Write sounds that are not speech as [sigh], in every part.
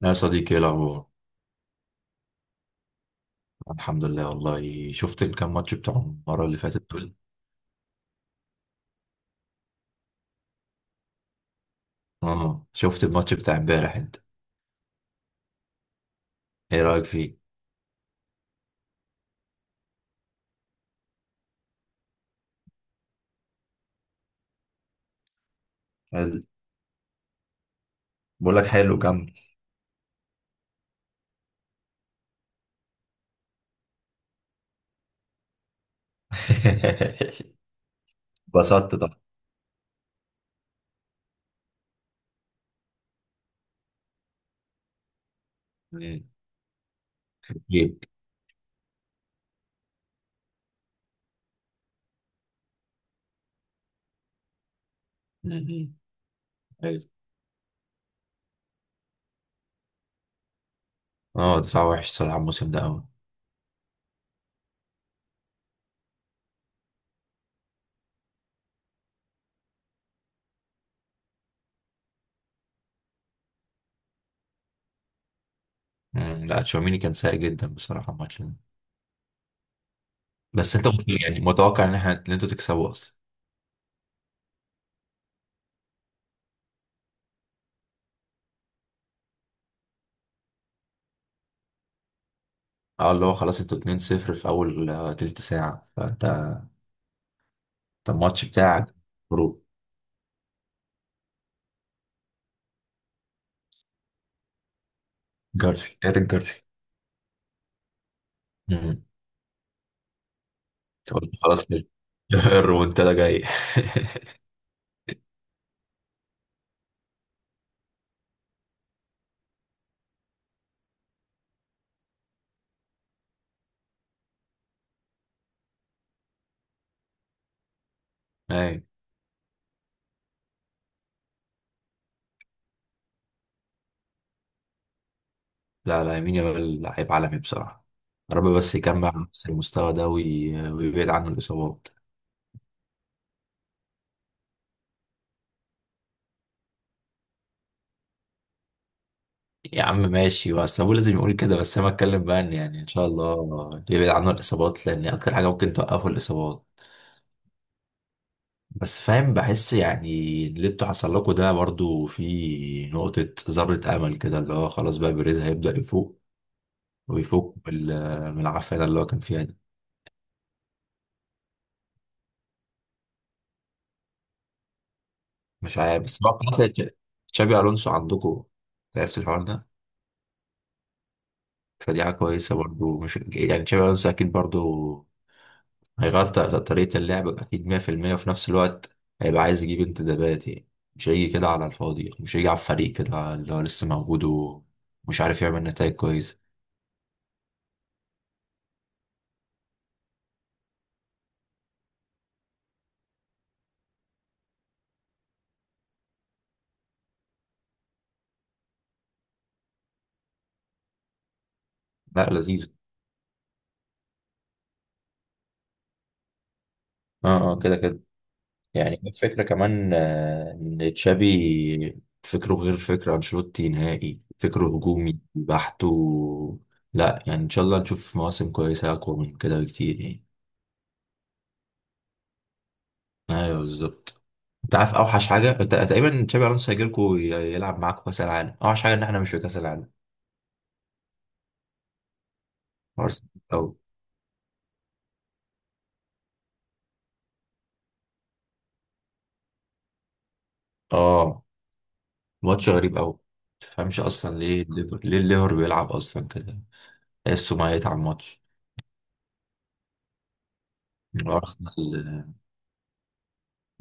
لا يا صديقي، ايه الاخبار؟ الحمد لله، والله شفت الكام ماتش بتاع المره اللي فاتت دول؟ اه شفت الماتش بتاع امبارح انت؟ ايه رايك فيه؟ حلو. بقول لك حلو، كمل. [laughs] اتبسطت طبعا. مم. جيب. مم. أيوة. اه دفاع وحش صراحه الموسم ده قوي. مم. لا تشاوميني كان سيء جدا بصراحه الماتش ده. بس انت كنت يعني متوقع ان احنا ان انتوا تكسبوا اصلا؟ اه اللي هو خلاص انتوا 2-0 في اول تلت ساعه، فانت الماتش بتاعك. برو. جارسي، ايريك جارسي. قلت خلاص كده. [laughs] الريمونتادا جاي. [laughs] اي. لا يمين يامال لعيب عالمي بصراحة. يا رب بس يجمع نفس المستوى ده ويبعد عنه الإصابات. يا عم ماشي، بس أبوه لازم يقول كده، بس أنا بتكلم بقى إن يعني إن شاء الله يبعد عنه الإصابات، لأن أكتر حاجة ممكن توقفه الإصابات. بس فاهم، بحس يعني اللي انتوا حصل لكم ده برضو في نقطة ذرة أمل كده، اللي هو خلاص بقى بيريز هيبدأ يفوق، ويفوق من من العافية ده اللي هو كان فيها دي. مش عارف، بس هو خلاص تشابي الونسو عندكم، عرفت الحوار ده؟ فدي حاجه كويسه برضو، مش يعني تشابي الونسو اكيد برضو هيغير طريقه اللعب اكيد 100%، وفي نفس الوقت هيبقى عايز يجيب انتدابات يعني، مش هيجي كده على الفاضي يعني، مش هيجي على الفريق كده اللي هو لسه موجود ومش عارف يعمل نتائج كويسه. لا لذيذ. اه اه، كده كده. يعني الفكرة كمان إن تشابي فكره غير فكر أنشيلوتي نهائي، فكره هجومي بحت و... لا يعني إن شاء الله نشوف مواسم كويسة أقوى من كده بكتير يعني. أيوه بالظبط. أنت عارف أوحش حاجة؟ أنت تقريبا تشابي ألونسو هيجيلكوا يلعب معاكوا كأس العالم، أوحش حاجة إن إحنا مش في كأس العالم. أرسنال أو، آه. ماتش غريب أوي. متفهمش أصلا ليه الليفر، ليه الليفر بيلعب أصلا كده، تحسه ميت على الماتش. أرسنال،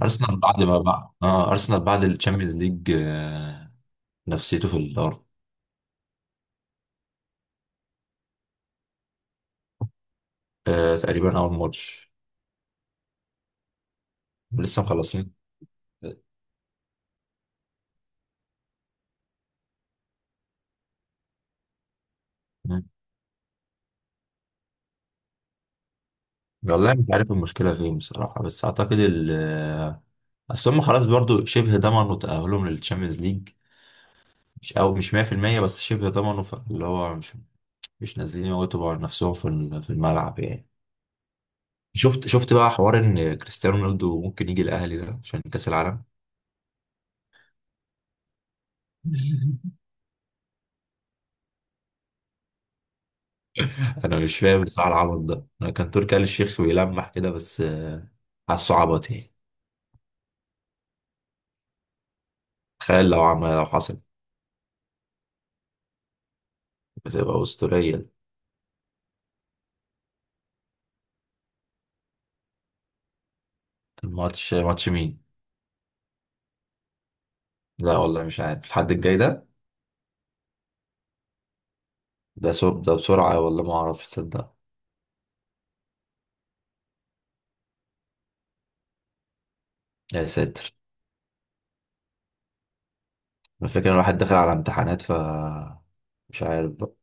ارسنال بعد ما بقى اه ارسنال بعد الشامبيونز ليج آه، نفسيته في الارض. آه تقريبا اول ماتش، لسه مخلصين. مم. والله مش عارف المشكله فين بصراحه، بس اعتقد ال آه، اصل هم خلاص برضو شبه ضمنوا تاهلهم للشامبيونز ليج، مش او مش 100% بس شبه ضمنوا، اللي هو مش مش نازلين يموتوا على نفسهم في في الملعب يعني. شفت شفت بقى حوار ان كريستيانو رونالدو ممكن يجي الاهلي ده عشان كاس العالم؟ [laughs] انا مش فاهم بصراحه العبط ده، انا كان تركي آل الشيخ بيلمح كده، بس حاسه عبط يعني. تخيل لو عمل، لو حصل بتبقى اسطوريه دي. الماتش ماتش مين؟ لا والله مش عارف الحد الجاي ده. ده بسرعه والله ما اعرف، تصدق؟ يا ساتر. الفكره ان الواحد داخل على امتحانات ف مش عارف بقى.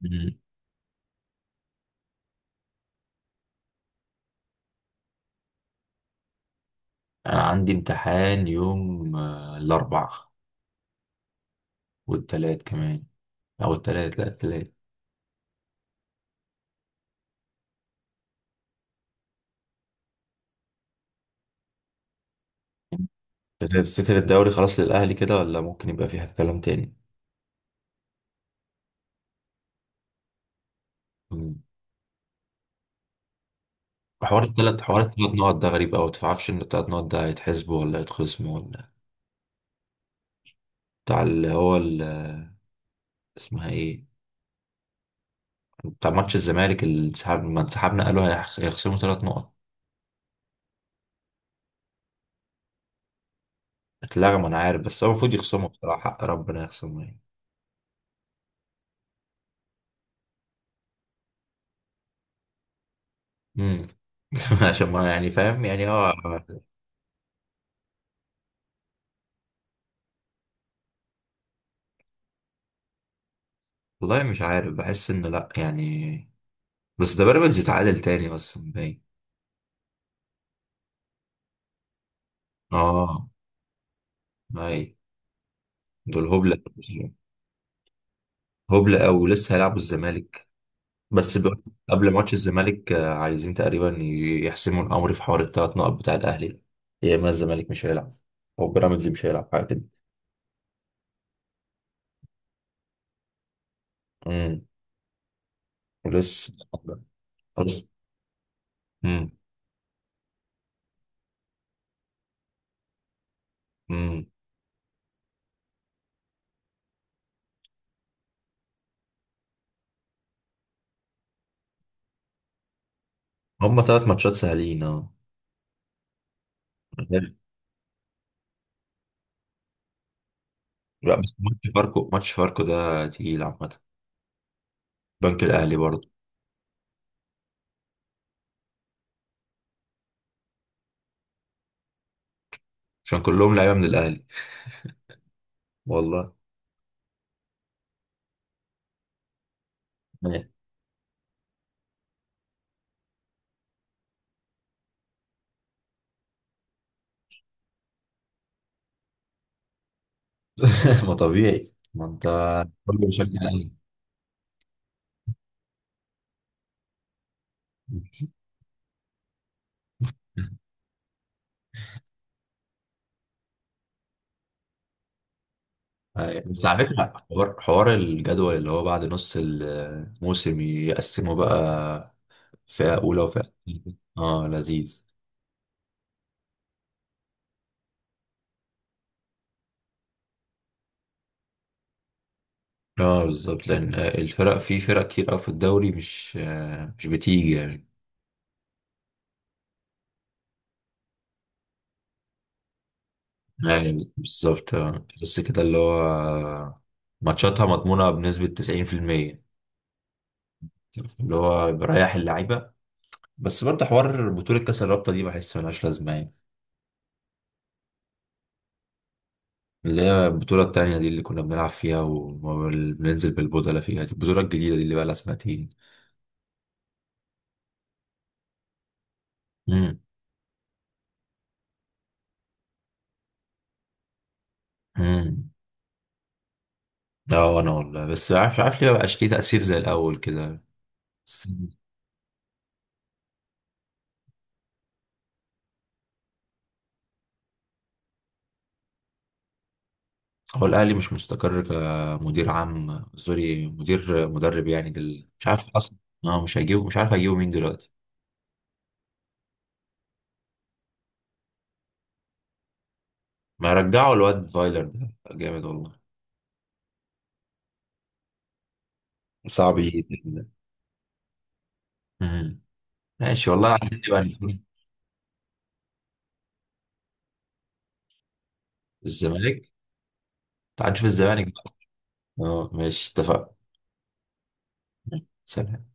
مم. انا عندي امتحان يوم الاربع، والتلات كمان، او التلات، لا التلات. تفتكر الدوري خلاص للاهلي كده، ولا ممكن يبقى فيها كلام تاني؟ حوار التلات نقط ده غريب أوي. متعرفش إن التلات نقط ده هيتحسبوا ولا هيتخصموا ولا بتاع اللي هو اسمها إيه، بتاع ماتش الزمالك اللي انسحب ما انسحبنا قالوا هيخصموا تلات نقط؟ اتلغم. أنا عارف، بس هو المفروض يخصموا بصراحة، حق ربنا يخصموا يعني. امم. [laughs] عشان ما يعني فاهم يعني هو. والله مش عارف، بحس إن لأ يعني، بس ده بيراميدز يتعادل تاني أصلا باين. آه. أي. دول هبلة. هبلة أوي، ولسه هيلعبوا الزمالك. بس بيقول قبل ماتش الزمالك عايزين تقريبا يحسموا الامر في حوار ال 3 نقط بتاع الاهلي ده. يا اما الزمالك مش هيلعب، او بيراميدز مش هيلعب، حاجه كده. امم. لسه. بس. امم. امم. هما 3 ماتشات سهلين اه. لا بس ماتش فاركو، ماتش فاركو ده تقيل عامه، بنك الاهلي برضه. عشان كلهم لعيبه من الاهلي. والله. [laughs] ما طبيعي، ما انت كله بيشجع الاهلي. أيوة. بس على فكرة حوار الجدول اللي هو بعد نص الموسم يقسموا بقى فئة أولى وفئة تانية. اه لذيذ. اه بالظبط، لأن الفرق في فرق كتير أوي في الدوري مش مش بتيجي يعني. يعني بالظبط آه. بس كده اللي هو ماتشاتها مضمونة بنسبة 90%، اللي هو بريح اللعيبة. بس برضه حوار بطولة كأس الرابطة دي بحس ملهاش لازمة يعني، اللي هي البطولة التانية دي اللي كنا بنلعب فيها وبننزل بالبودلة فيها، دي البطولة الجديدة دي اللي بقى لها 2 سنتين. امم. امم. اه، وانا والله، بس عارف، عارف ليه مبقاش ليه تأثير زي الأول كده؟ بس هو الأهلي مش مستقر، كمدير عام سوري، مدير مدرب يعني مش عارف أصلا. اه مش هيجيبه، مش عارف هيجيبه مين دلوقتي. ما يرجعوا الواد فايلر ده جامد والله. صعب يجي. امم. ماشي والله، عايزين نبقى نشوف الزمالك. تعال نشوف الزمالك بقى. اه ماشي، اتفقنا. سلام.